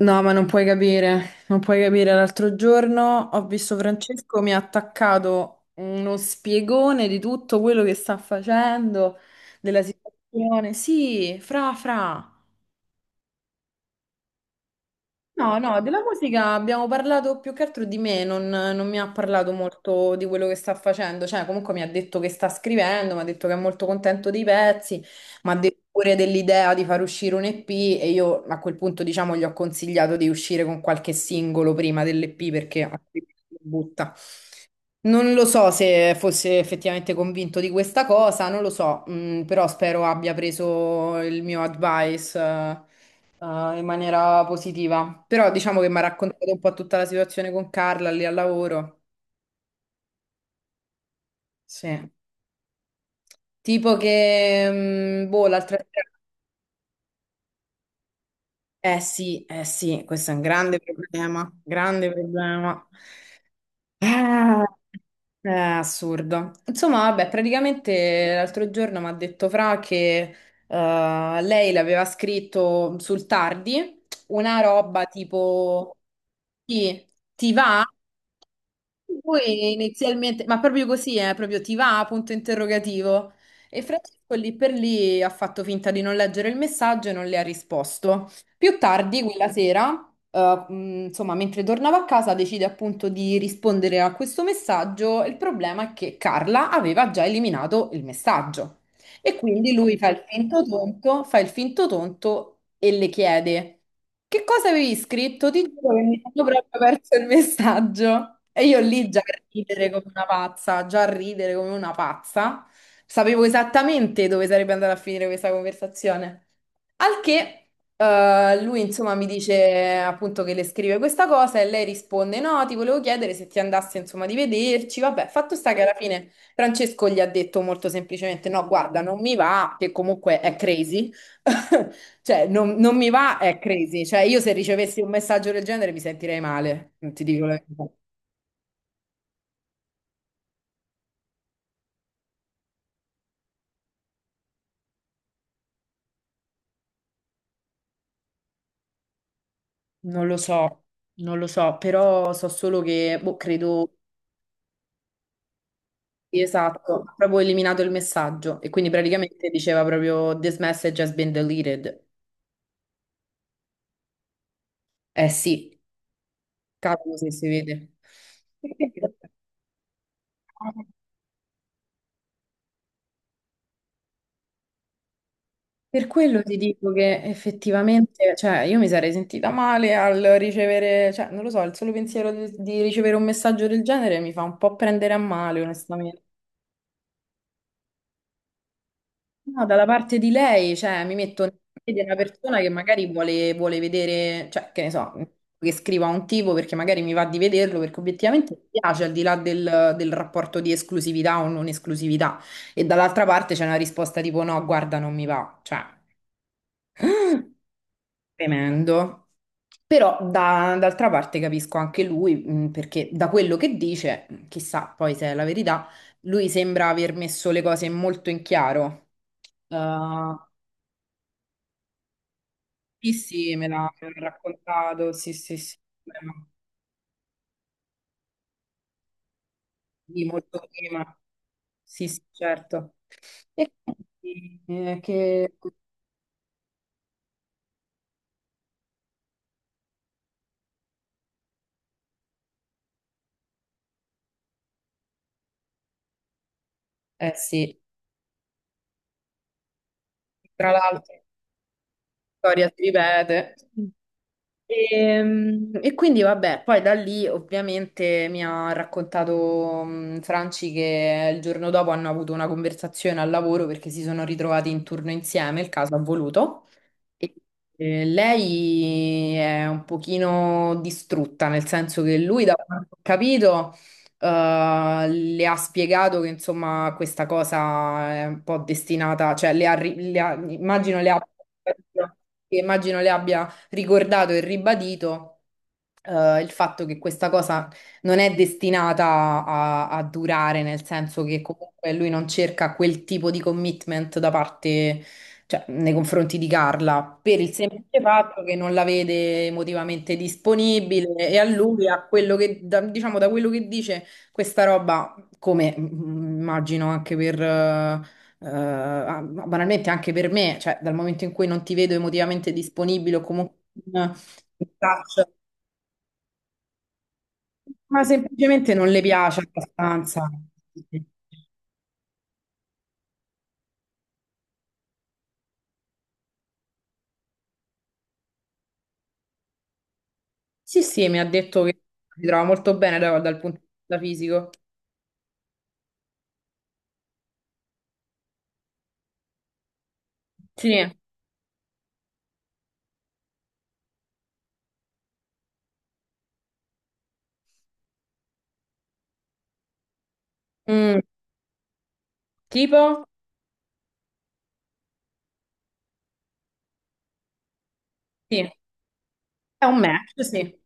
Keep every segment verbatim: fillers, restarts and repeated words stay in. No, ma non puoi capire, non puoi capire. L'altro giorno ho visto Francesco, mi ha attaccato uno spiegone di tutto quello che sta facendo, della situazione. Sì, fra, fra. No, no, della musica abbiamo parlato più che altro di me, non, non mi ha parlato molto di quello che sta facendo, cioè comunque mi ha detto che sta scrivendo, mi ha detto che è molto contento dei pezzi, mi ha detto pure dell'idea di far uscire un E P e io a quel punto diciamo gli ho consigliato di uscire con qualche singolo prima dell'E P perché altrimenti lo butta. Non lo so se fosse effettivamente convinto di questa cosa, non lo so, mm, però spero abbia preso il mio advice, eh, eh, in maniera positiva. Però diciamo che mi ha raccontato un po' tutta la situazione con Carla lì al lavoro. Sì. Tipo che, mm, boh, l'altra sera. Eh sì, eh sì, questo è un grande problema, grande problema. Ah, è assurdo. Insomma, vabbè, praticamente l'altro giorno mi ha detto Fra che eh, lei l'aveva scritto sul tardi, una roba tipo ti, ti va? Lui inizialmente, ma proprio così, eh, proprio ti va? Punto interrogativo. E Francesco lì per lì ha fatto finta di non leggere il messaggio e non le ha risposto. Più tardi, quella sera eh, mh, insomma, mentre tornava a casa decide appunto di rispondere a questo messaggio. Il problema è che Carla aveva già eliminato il messaggio e quindi lui fa il finto tonto, fa il finto tonto e le chiede: Che cosa avevi scritto? Ti giuro che mi sono proprio perso il messaggio. E io lì già a ridere come una pazza, già a ridere come una pazza. Sapevo esattamente dove sarebbe andata a finire questa conversazione. Al che eh, lui insomma mi dice appunto che le scrive questa cosa e lei risponde no, ti volevo chiedere se ti andasse insomma di vederci. Vabbè, fatto sta che alla fine Francesco gli ha detto molto semplicemente no, guarda, non mi va, che comunque è crazy. Cioè, non, non mi va, è crazy. Cioè, io se ricevessi un messaggio del genere mi sentirei male, non ti dico la verità. Non lo so, non lo so, però so solo che boh, credo. Sì, esatto, ha proprio eliminato il messaggio e quindi praticamente diceva proprio This message has been deleted. Eh sì, cavolo se si vede. Per quello ti dico che effettivamente, cioè, io mi sarei sentita male al ricevere, cioè, non lo so, il solo pensiero di, di ricevere un messaggio del genere mi fa un po' prendere a male, onestamente. No, dalla parte di lei, cioè, mi metto nei piedi di una persona che magari vuole, vuole vedere, cioè, che ne so, che scriva un tipo perché magari mi va di vederlo, perché obiettivamente mi piace, al di là del, del rapporto di esclusività o non esclusività. E dall'altra parte c'è una risposta tipo no, guarda, non mi va, cioè, tremendo. Però da- d'altra parte capisco anche lui, mh, perché da quello che dice, chissà poi se è la verità, lui sembra aver messo le cose molto in chiaro. Ehm, Sì, sì, me l'ha me l'ha raccontato, sì, sì, sì, di molto prima, sì, sì, certo. E quindi, eh, che. Eh sì, tra l'altro la storia si ripete. E, e quindi vabbè, poi da lì ovviamente mi ha raccontato mh, Franci che il giorno dopo hanno avuto una conversazione al lavoro perché si sono ritrovati in turno insieme, il caso ha voluto. E- eh, Lei è un pochino distrutta, nel senso che lui, da quanto ho capito, eh, le ha spiegato che insomma questa cosa è un po' destinata, cioè le ha ri- le ha- immagino le abbia, immagino le abbia ricordato e ribadito. eh, il fatto che questa cosa non è destinata a, a durare, nel senso che comunque lui non cerca quel tipo di commitment da parte, cioè, nei confronti di Carla, per il semplice fatto che non la vede emotivamente disponibile e a lui, a quello che, da- diciamo, da quello che dice questa roba, come mm, immagino anche per, eh, eh, ah, banalmente anche per me, cioè dal momento in cui non ti vedo emotivamente disponibile o comunque in in touch, ma semplicemente non le piace abbastanza. Sì, sì, mi ha detto che si trova molto bene da- dal punto di vista fisico. Sì. Mm. Tipo? Sì, è un match, sì.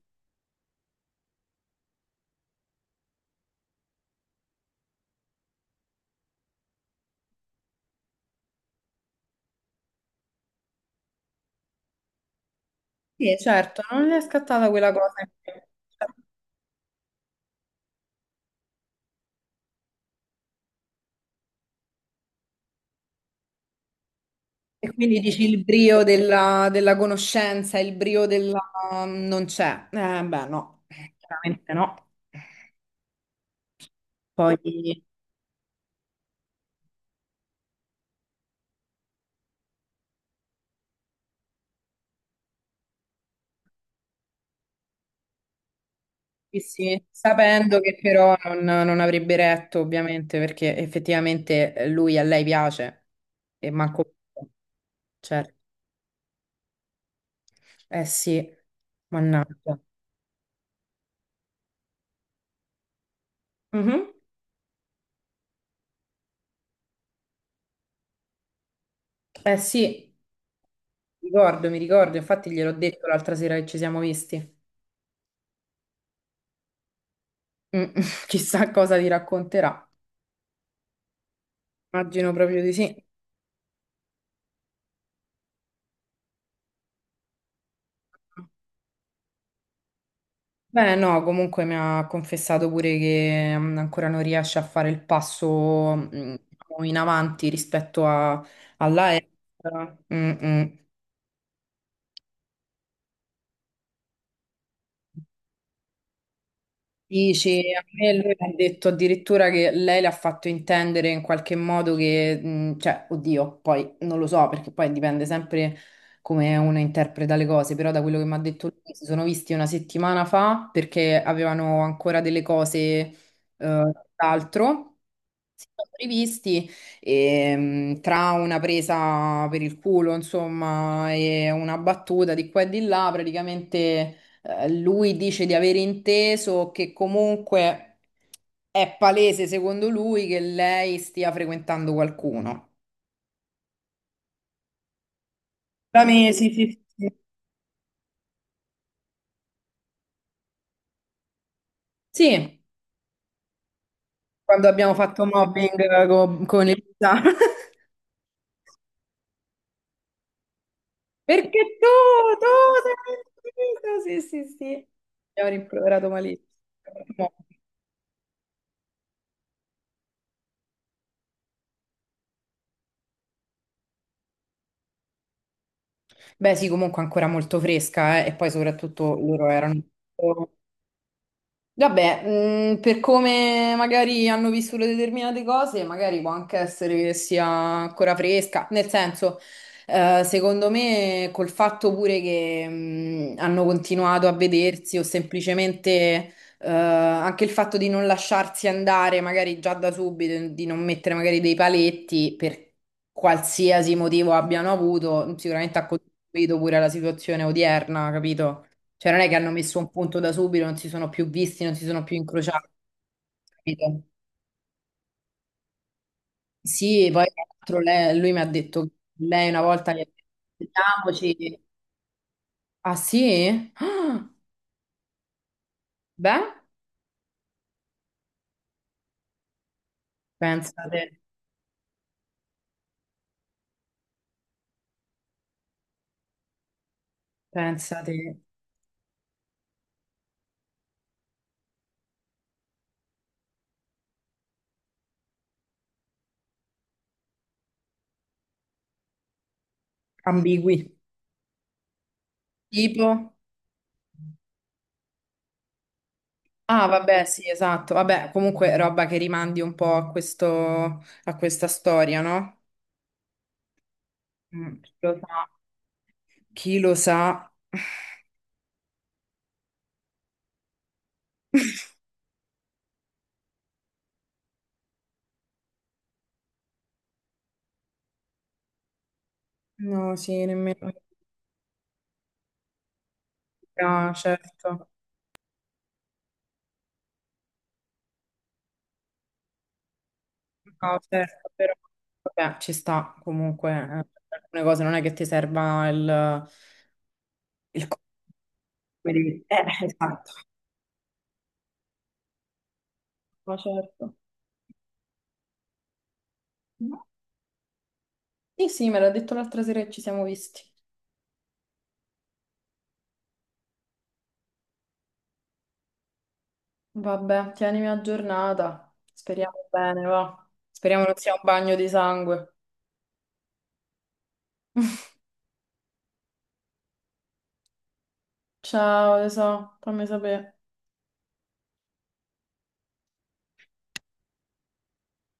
Sì, certo, non è scattata quella cosa. In più. E quindi dici il brio della, della conoscenza, il brio della. mm, non c'è. Eh, beh, no, chiaramente no. Poi, sì, sì, sapendo che però non, non avrebbe retto, ovviamente, perché effettivamente eh, lui a lei piace e manco. Certo, eh sì, mannaggia. Mhm. Eh sì. Ricordo, mi ricordo, infatti gliel'ho detto l'altra sera che ci siamo visti. Mm, chissà cosa ti racconterà. Immagino proprio di sì. Beh, no, comunque mi ha confessato pure che mm, ancora non riesce a fare il passo mm, in avanti rispetto a, all'A E. Dici, a me lui mi ha detto addirittura che lei le ha fatto intendere in qualche modo che, mh, cioè, oddio, poi non lo so perché poi dipende sempre come uno interpreta le cose, però da quello che mi ha detto lui si sono visti una settimana fa perché avevano ancora delle cose, eh, d'altro. Sì, sono rivisti e, tra una presa per il culo, insomma, e una battuta di qua e di là, praticamente eh, lui dice di aver inteso che comunque è palese, secondo lui, che lei stia frequentando qualcuno. Da me, sì, sì, sì, sì. Sì, quando abbiamo fatto mobbing co- con Elisa. Perché tu, tu sei. Mentito! Sì, sì, sì. Mi ha rimproverato malissimo. Beh, sì, comunque ancora molto fresca, eh, e poi soprattutto loro erano. Vabbè, mh, per come magari hanno vissuto determinate cose, magari può anche essere che sia ancora fresca. Nel senso, eh, secondo me, col fatto pure che mh, hanno continuato a vedersi o semplicemente eh, anche il fatto di non lasciarsi andare magari già da subito, di non mettere magari dei paletti per qualsiasi motivo abbiano avuto, sicuramente ha contribuito pure alla situazione odierna, capito? Cioè non è che hanno messo un punto da subito, non si sono più visti, non si sono più incrociati, capito? Sì, e poi tra l'altro lei- lui mi ha detto che lei una volta gli ha detto "Sentiamoci". Ah sì? Ah, beh, pensate, pensate, ambigui. Tipo? Ah vabbè, sì, esatto. Vabbè, comunque roba che rimandi un po' a questo, a questa storia, no? Mm, chi lo sa? Chi lo sa? No, sì, nemmeno. Ah, certo. No, certo, però vabbè, ci sta comunque. eh, per alcune cose non è che ti serva il, il costume di- Eh, esatto. Ma certo. Sì, sì, me l'ha detto l'altra sera che ci siamo visti. Vabbè, tienimi aggiornata. Speriamo bene, va. Speriamo non sia un bagno di sangue. Ciao, tesoro, fammi sapere.